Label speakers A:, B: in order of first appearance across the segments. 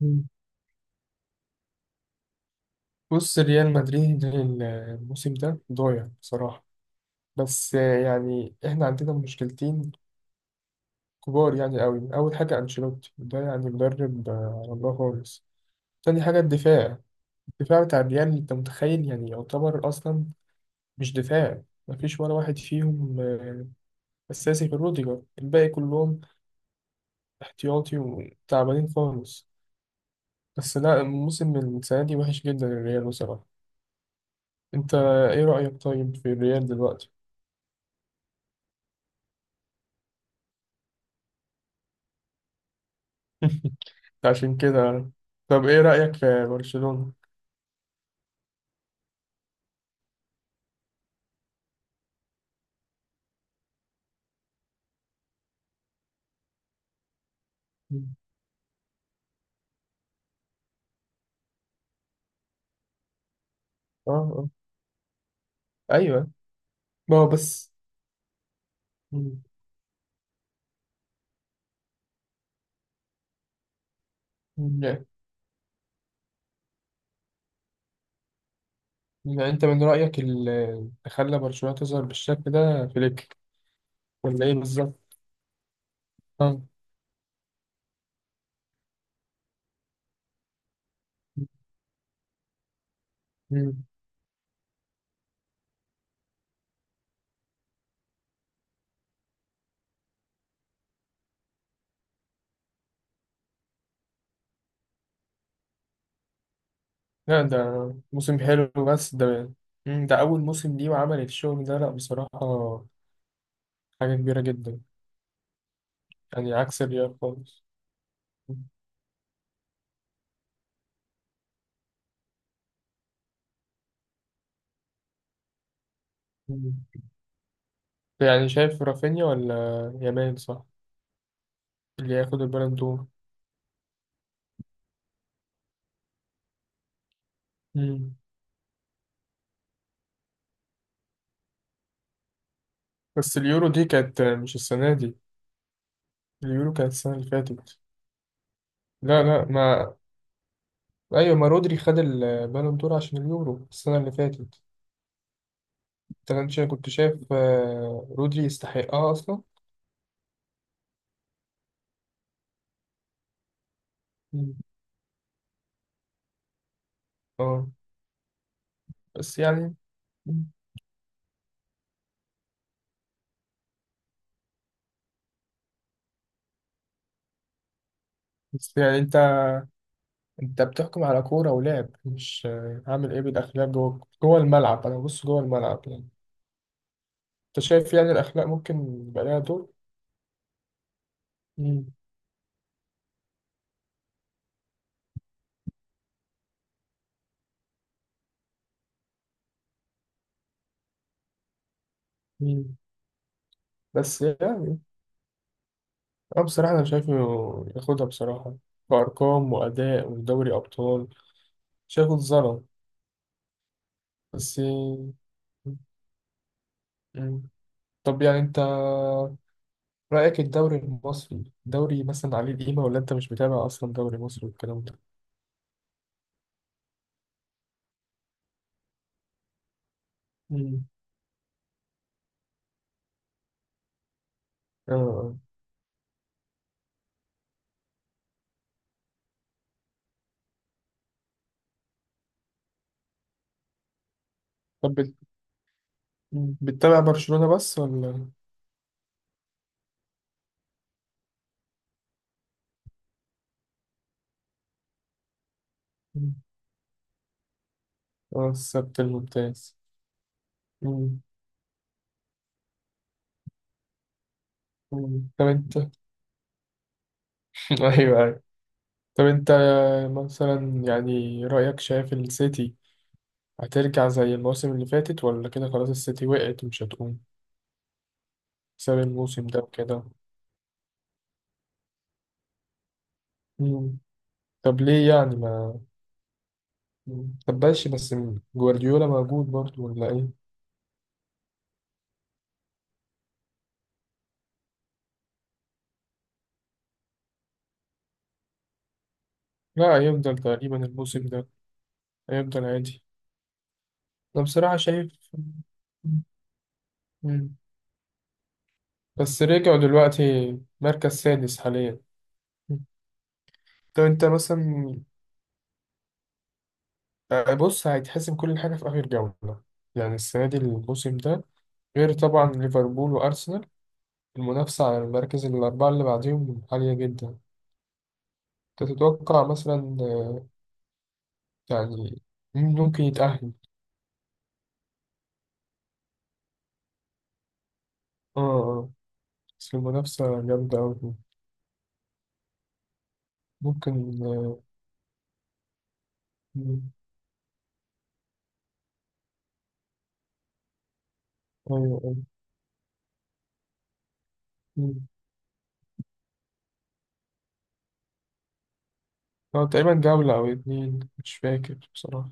A: مم. بص، ريال مدريد الموسم ده ضايع بصراحة، بس يعني احنا عندنا مشكلتين كبار يعني قوي. أول حاجة أنشيلوتي ده يعني مدرب على الله خالص. تاني حاجة الدفاع بتاع الريال، أنت متخيل؟ يعني يعتبر أصلا مش دفاع. مفيش ولا واحد فيهم أساسي غير روديجر، الباقي كلهم احتياطي وتعبانين خالص. بس لا، الموسم السنة دي وحش جدا الريال بصراحة. أنت إيه رأيك طيب في الريال دلوقتي؟ عشان كده. طب ايه رأيك في برشلونة؟ مم. اه اه. ايوه، ما هو بس. مم. لا. يعني انت من رأيك اللي خلى برشلونة تظهر بالشكل ده فليك، ولا ايه بالظبط؟ اه. مم. لا ده موسم حلو، بس ده ده أول موسم ليه وعمل الشغل ده، لا بصراحة حاجة كبيرة جدا. يعني عكس الريال خالص. مم. يعني شايف رافينيا، ولا يامال، صح، اللي هياخد البالون دور؟ بس اليورو دي كانت مش السنة دي، اليورو كانت السنة اللي فاتت. لا لا، ما أيوة، ما رودري خد البالون دور عشان اليورو السنة اللي فاتت. أنت كنت شايف، رودري يستحقها أصلا؟ مم. اه. بس يعني مم. بس يعني أنت بتحكم على كورة ولعب، مش عامل إيه بالأخلاق، جوه جوه الملعب أنا ببص جوه الملعب يعني. أنت شايف يعني الأخلاق ممكن يبقى لها دور؟ مم. مم. بس يعني أنا بصراحة أنا شايفه ياخدها بصراحة، كأرقام وأداء ودوري أبطال، شايفه اتظلم. بس مم. طب يعني أنت رأيك الدوري المصري دوري مثلا عليه القيمة، ولا أنت مش متابع أصلا دوري مصري والكلام ده؟ مم. آه آه. طب بت... مم. بتتابع برشلونة بس، ولا؟ مم. آه، السبت الممتاز. مم. مم. طب أنت أيوه أيوه. طب أنت مثلا، يعني رأيك، شايف السيتي هترجع زي الموسم اللي فاتت، ولا كده خلاص السيتي وقعت ومش هتقوم بسبب الموسم ده وكده؟ مم. طب ليه؟ يعني ما طب ماشي، بس جوارديولا موجود برضه، ولا ايه؟ لا هيفضل تقريبا الموسم ده، هيفضل عادي. انا بصراحة شايف. مم. بس رجعوا دلوقتي مركز سادس حاليا. مم. طب انت مثلا بص هيتحسم كل حاجة في آخر جولة. يعني السنة دي الموسم ده، غير طبعا ليفربول وأرسنال، المنافسة على المراكز الأربعة اللي بعديهم عالية جدا. تتوقع مثلا يعني مين ممكن يتأهل؟ اه اه. بس المنافسة جامدة أوي. ممكن مم، أيوة أيوة. مم. تقريبا جولة أو 2 مش فاكر بصراحة.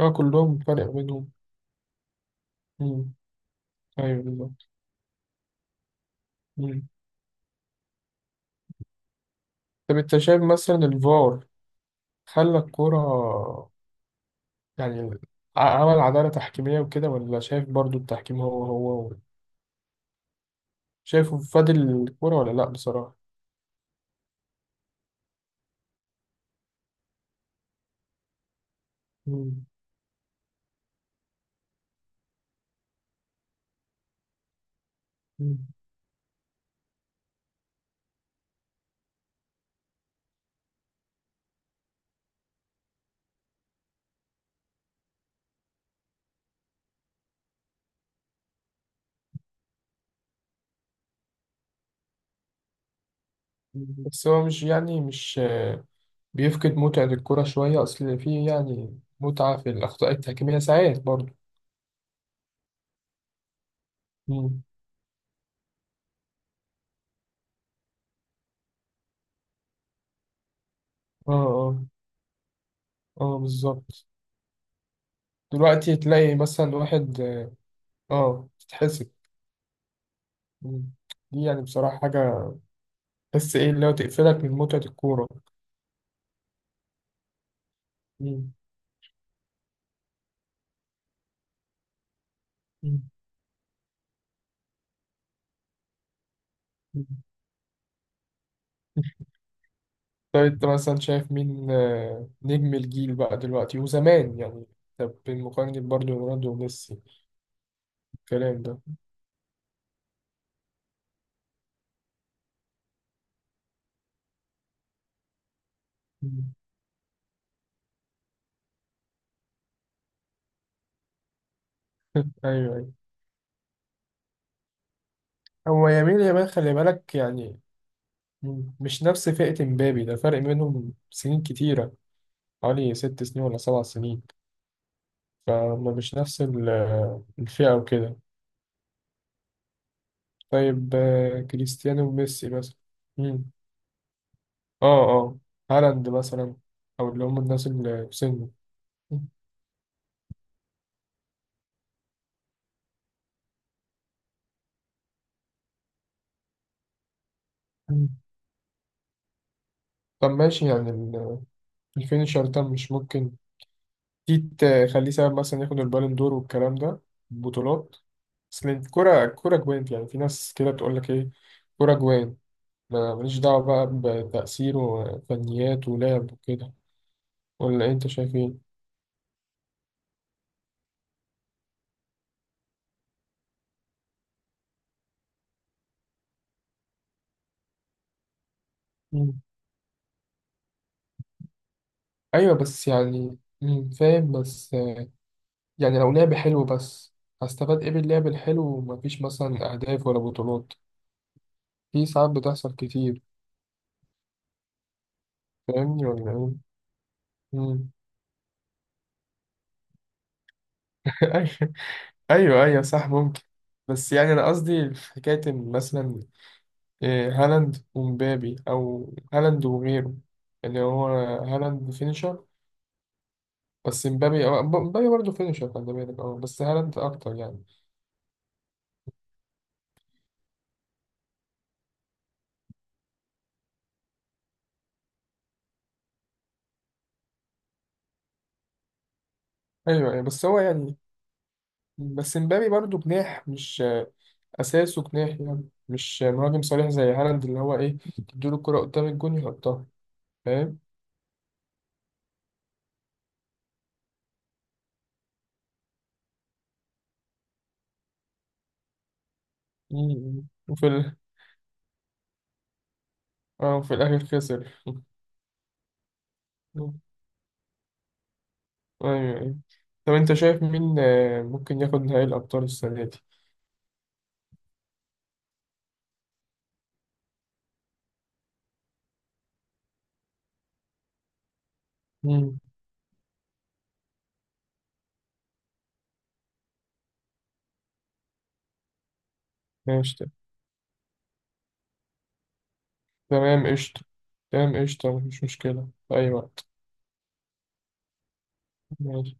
A: اه كلهم فرق بينهم. مم، أيوة بالظبط. مم. طب أنت شايف مثلا الفار خلى الكورة، يعني عمل عدالة تحكيمية وكده، ولا شايف برضو التحكيم هو شايفه فادي الكورة، ولا لأ بصراحة؟ مم. مم. بس هو مش يعني مش بيفقد متعة الكرة شوية، أصل في يعني متعة في الأخطاء التحكيمية ساعات برضه. مم. اه اه. اه بالظبط. دلوقتي تلاقي مثلا واحد اه تتحسب. مم. دي يعني بصراحة حاجة تحس ايه اللي هو تقفلك من متعة الكورة. مم. مم. مم. طب انت مثلا شايف مين نجم الجيل بقى دلوقتي وزمان يعني، طب بالمقارنة برضه رونالدو وميسي الكلام ده؟ مم. ايوه. هو يمين يامال خلي بالك يعني، مش نفس فئة مبابي، ده فرق بينهم سنين كتيرة، حوالي 6 سنين ولا 7 سنين. فما مش نفس الفئة وكده. طيب كريستيانو وميسي مثلا. مم. اه اه. هالاند مثلا، أو اللي هم الناس اللي في سنه. مم. طب ماشي يعني الفينشر ده مش ممكن في تخليه سبب مثلا ياخد البالون دور والكلام ده، بطولات، اصل الكرة جوانت. يعني في ناس كده تقول لك ايه، كرة جوان، ما ماليش دعوة بقى بتأثير وفنيات ولعب وكده، ولا انت شايف ايه؟ مم. ايوه، بس يعني مم، فاهم، بس يعني لو لعب حلو بس، هستفاد ايه باللعب الحلو ومفيش مثلا اهداف ولا بطولات، في ساعات بتحصل كتير. فاهمني، ولا ايه؟ مم. ايوه ايوه صح، ممكن. بس يعني انا قصدي في حكايه إن مثلا إيه، هالاند ومبابي، او هالاند وغيره، اللي هو هالاند فينيشر، بس مبابي، مبابي برضه فينيشر، خلي بالك، اه، بس هالاند اكتر يعني. ايوه ايوه. بس هو يعني بس مبابي برضه جناح، مش اساسه جناح يعني، مش مهاجم صريح زي هالاند، اللي هو ايه، تديله الكره قدام الجون يحطها. فاهم. م- م. وفي ال... اه، وفي الاخر خسر. أيوه أيوه. طب أنت شايف مين ممكن ياخد نهائي الأبطال السنة دي؟ مم. ماشي. تمام قشطة. تمام قشطة. مفيش مشكلة في أي وقت. ماشي